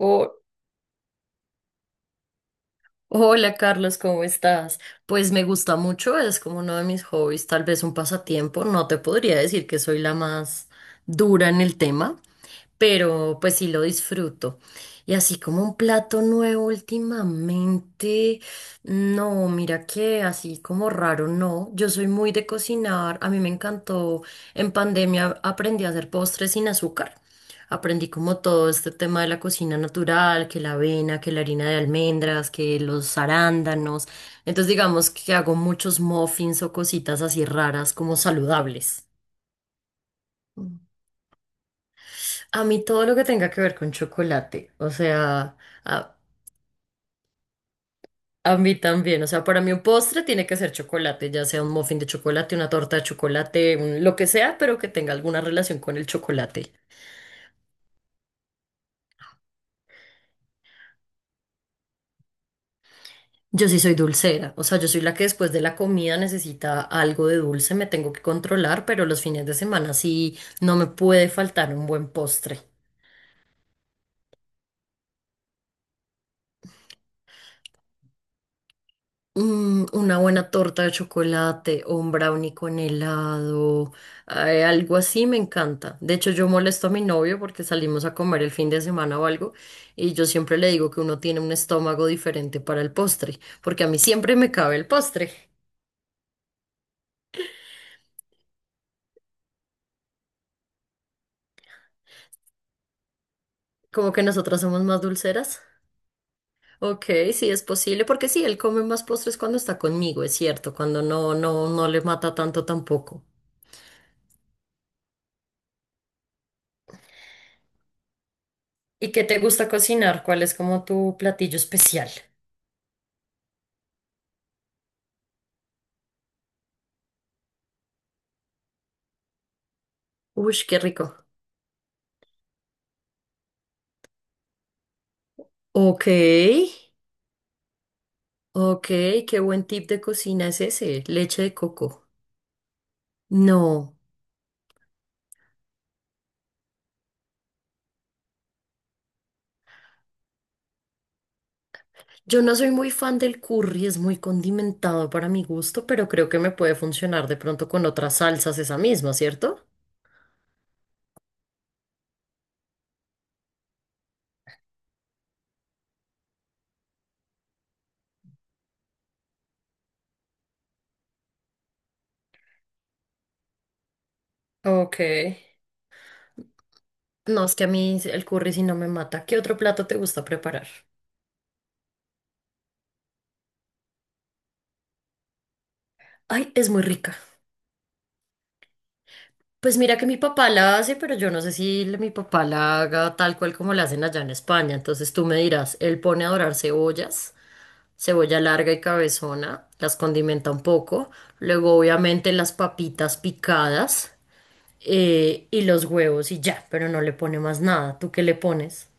Oh, hola Carlos, ¿cómo estás? Pues me gusta mucho, es como uno de mis hobbies, tal vez un pasatiempo. No te podría decir que soy la más dura en el tema, pero pues sí lo disfruto. Y así como un plato nuevo últimamente, no, mira que así como raro, no. Yo soy muy de cocinar, a mí me encantó. En pandemia aprendí a hacer postres sin azúcar. Aprendí como todo este tema de la cocina natural, que la avena, que la harina de almendras, que los arándanos. Entonces digamos que hago muchos muffins o cositas así raras como saludables. A mí todo lo que tenga que ver con chocolate, o sea, a, a mí también, o sea, para mí un postre tiene que ser chocolate, ya sea un muffin de chocolate, una torta de chocolate, lo que sea, pero que tenga alguna relación con el chocolate. Yo sí soy dulcera, o sea, yo soy la que después de la comida necesita algo de dulce, me tengo que controlar, pero los fines de semana sí no me puede faltar un buen postre. Mm, una buena torta de chocolate o un brownie con helado, algo así me encanta. De hecho, yo molesto a mi novio porque salimos a comer el fin de semana o algo y yo siempre le digo que uno tiene un estómago diferente para el postre, porque a mí siempre me cabe el postre. Como que nosotras somos más dulceras. Ok, sí es posible, porque sí, él come más postres cuando está conmigo, es cierto, cuando no, no, no le mata tanto tampoco. ¿Y qué te gusta cocinar? ¿Cuál es como tu platillo especial? Uy, qué rico. Ok, ok, qué buen tip de cocina es ese, leche de coco. No, yo no soy muy fan del curry, es muy condimentado para mi gusto, pero creo que me puede funcionar de pronto con otras salsas esa misma, ¿cierto? Ok. No, es que a mí el curry sí no me mata. ¿Qué otro plato te gusta preparar? Ay, es muy rica. Pues mira que mi papá la hace, pero yo no sé si mi papá la haga tal cual como la hacen allá en España. Entonces tú me dirás, él pone a dorar cebollas. Cebolla larga y cabezona, las condimenta un poco, luego obviamente las papitas picadas y los huevos y ya, pero no le pone más nada. ¿Tú qué le pones?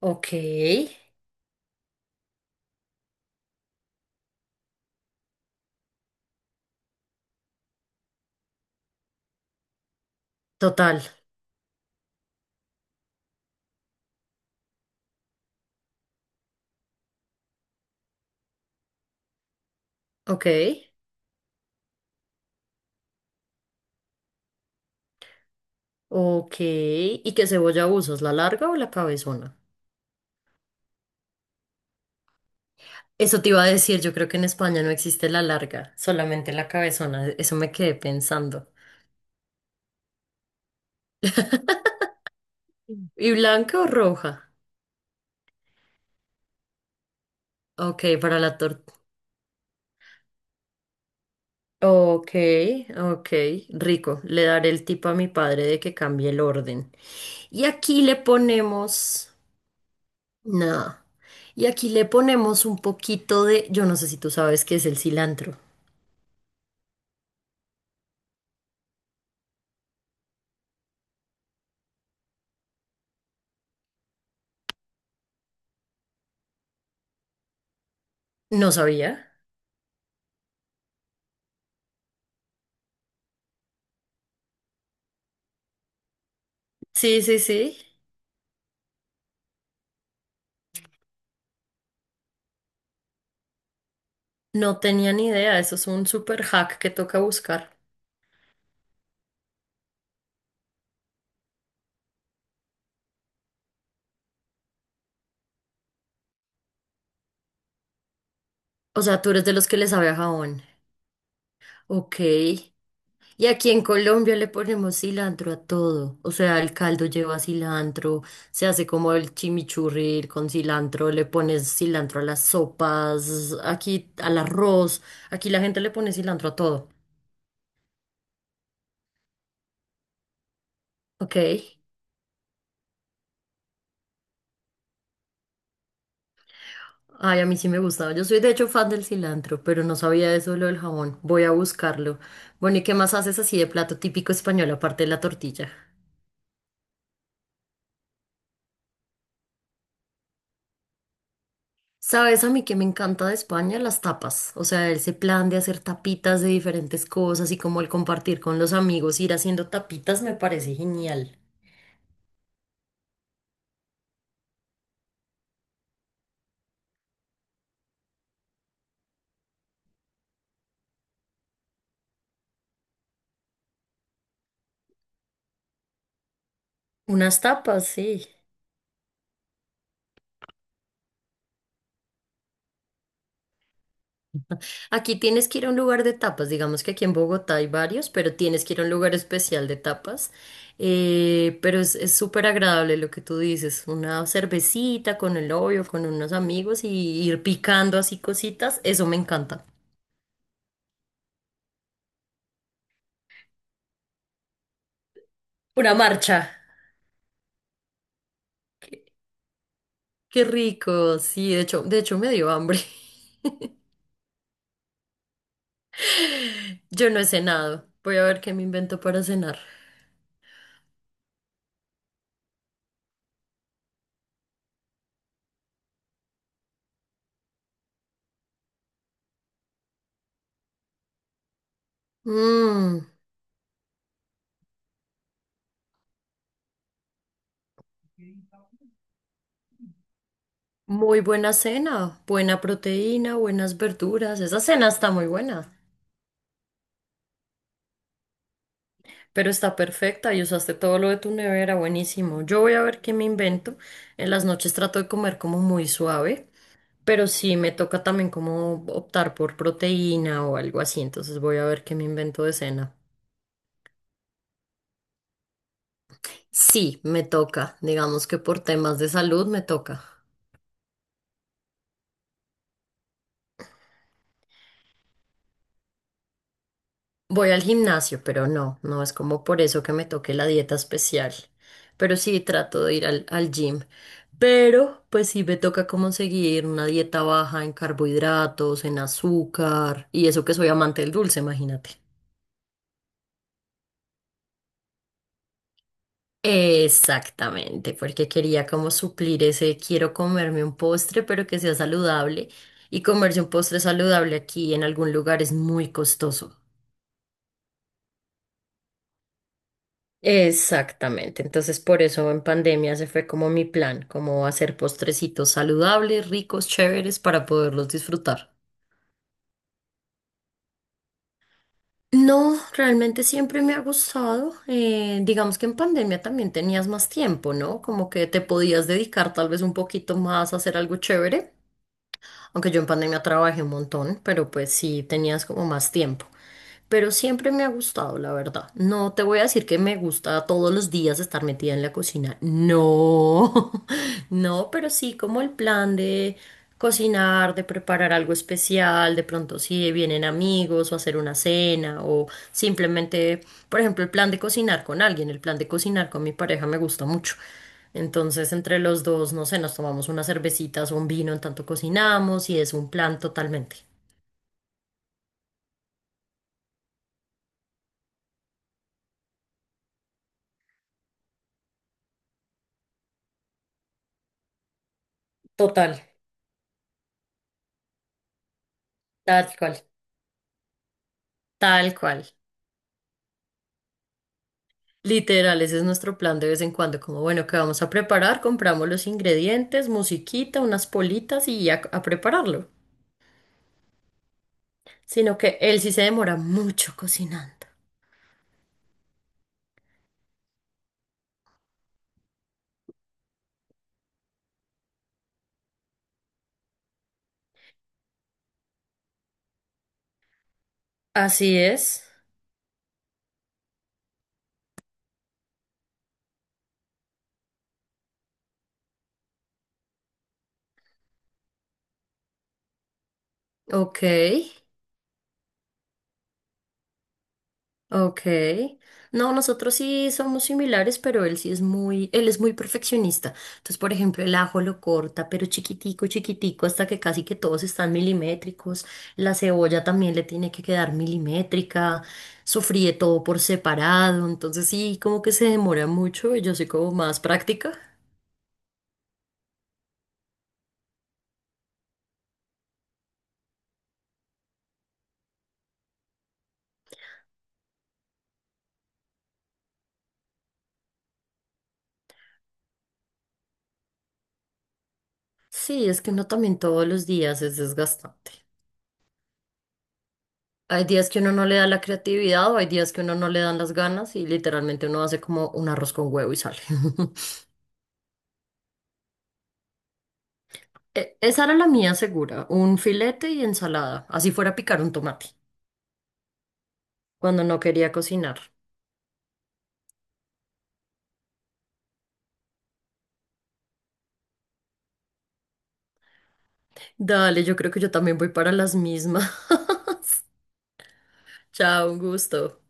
Ok, total, ok, ok. ¿Y qué cebolla usas, la larga o la cabezona? Eso te iba a decir, yo creo que en España no existe la larga, solamente la cabezona, eso me quedé pensando. ¿Y blanca o roja? Ok, para la tortilla. Ok, ok, rico. Le daré el tip a mi padre de que cambie el orden. Y aquí le ponemos, nada. Y aquí le ponemos un poquito de, yo no sé si tú sabes qué es el cilantro. No sabía. Sí, sí, sí. No tenía ni idea. Eso es un super hack que toca buscar. O sea, tú eres de los que les sabe a jabón. Ok. Y aquí en Colombia le ponemos cilantro a todo. O sea, el caldo lleva cilantro, se hace como el chimichurri con cilantro, le pones cilantro a las sopas, aquí al arroz. Aquí la gente le pone cilantro a todo. Ok. Ay, a mí sí me gustaba. Yo soy de hecho fan del cilantro, pero no sabía eso de lo del jabón. Voy a buscarlo. Bueno, ¿y qué más haces así de plato típico español aparte de la tortilla? Sabes a mí que me encanta de España las tapas, o sea, ese plan de hacer tapitas de diferentes cosas y como el compartir con los amigos, ir haciendo tapitas me parece genial. Unas tapas, sí. Aquí tienes que ir a un lugar de tapas, digamos que aquí en Bogotá hay varios, pero tienes que ir a un lugar especial de tapas. Pero es súper agradable lo que tú dices, una cervecita con el novio, con unos amigos y ir picando así cositas, eso me encanta. Una marcha. Qué rico, sí, de hecho me dio hambre. Yo no he cenado. Voy a ver qué me invento para cenar. Mmm, muy buena cena, buena proteína, buenas verduras. Esa cena está muy buena, pero está perfecta y usaste todo lo de tu nevera, buenísimo. Yo voy a ver qué me invento. En las noches trato de comer como muy suave, pero sí me toca también como optar por proteína o algo así, entonces voy a ver qué me invento de cena. Sí, me toca. Digamos que por temas de salud me toca. Voy al gimnasio, pero no, no es como por eso que me toque la dieta especial. Pero sí trato de ir al gym. Pero pues sí me toca como seguir una dieta baja en carbohidratos, en azúcar y eso que soy amante del dulce, imagínate. Exactamente, porque quería como suplir ese quiero comerme un postre, pero que sea saludable. Y comerse un postre saludable aquí en algún lugar es muy costoso. Exactamente, entonces por eso en pandemia se fue como mi plan, como hacer postrecitos saludables, ricos, chéveres para poderlos disfrutar. No, realmente siempre me ha gustado. Digamos que en pandemia también tenías más tiempo, ¿no? Como que te podías dedicar tal vez un poquito más a hacer algo chévere. Aunque yo en pandemia trabajé un montón, pero pues sí tenías como más tiempo. Pero siempre me ha gustado, la verdad. No te voy a decir que me gusta todos los días estar metida en la cocina. No. No, pero sí como el plan de cocinar, de preparar algo especial, de pronto si vienen amigos o hacer una cena o simplemente, por ejemplo, el plan de cocinar con alguien, el plan de cocinar con mi pareja me gusta mucho. Entonces, entre los dos, no sé, nos tomamos unas cervecitas o un vino en tanto cocinamos y es un plan totalmente. Total, tal cual. Tal cual. Literal, ese es nuestro plan de vez en cuando, como bueno, ¿qué vamos a preparar? Compramos los ingredientes, musiquita, unas politas y a prepararlo. Sino que él sí se demora mucho cocinando. Así es. Ok. Ok. No, nosotros sí somos similares, pero él sí es muy, él es muy perfeccionista. Entonces, por ejemplo, el ajo lo corta, pero chiquitico, chiquitico, hasta que casi que todos están milimétricos. La cebolla también le tiene que quedar milimétrica. Sofríe todo por separado. Entonces, sí, como que se demora mucho y yo soy como más práctica. Sí, es que uno también todos los días es desgastante. Hay días que uno no le da la creatividad o hay días que uno no le dan las ganas y literalmente uno hace como un arroz con huevo y sale. E- esa era la mía segura, un filete y ensalada, así fuera a picar un tomate, cuando no quería cocinar. Dale, yo creo que yo también voy para las mismas. Chao, un gusto.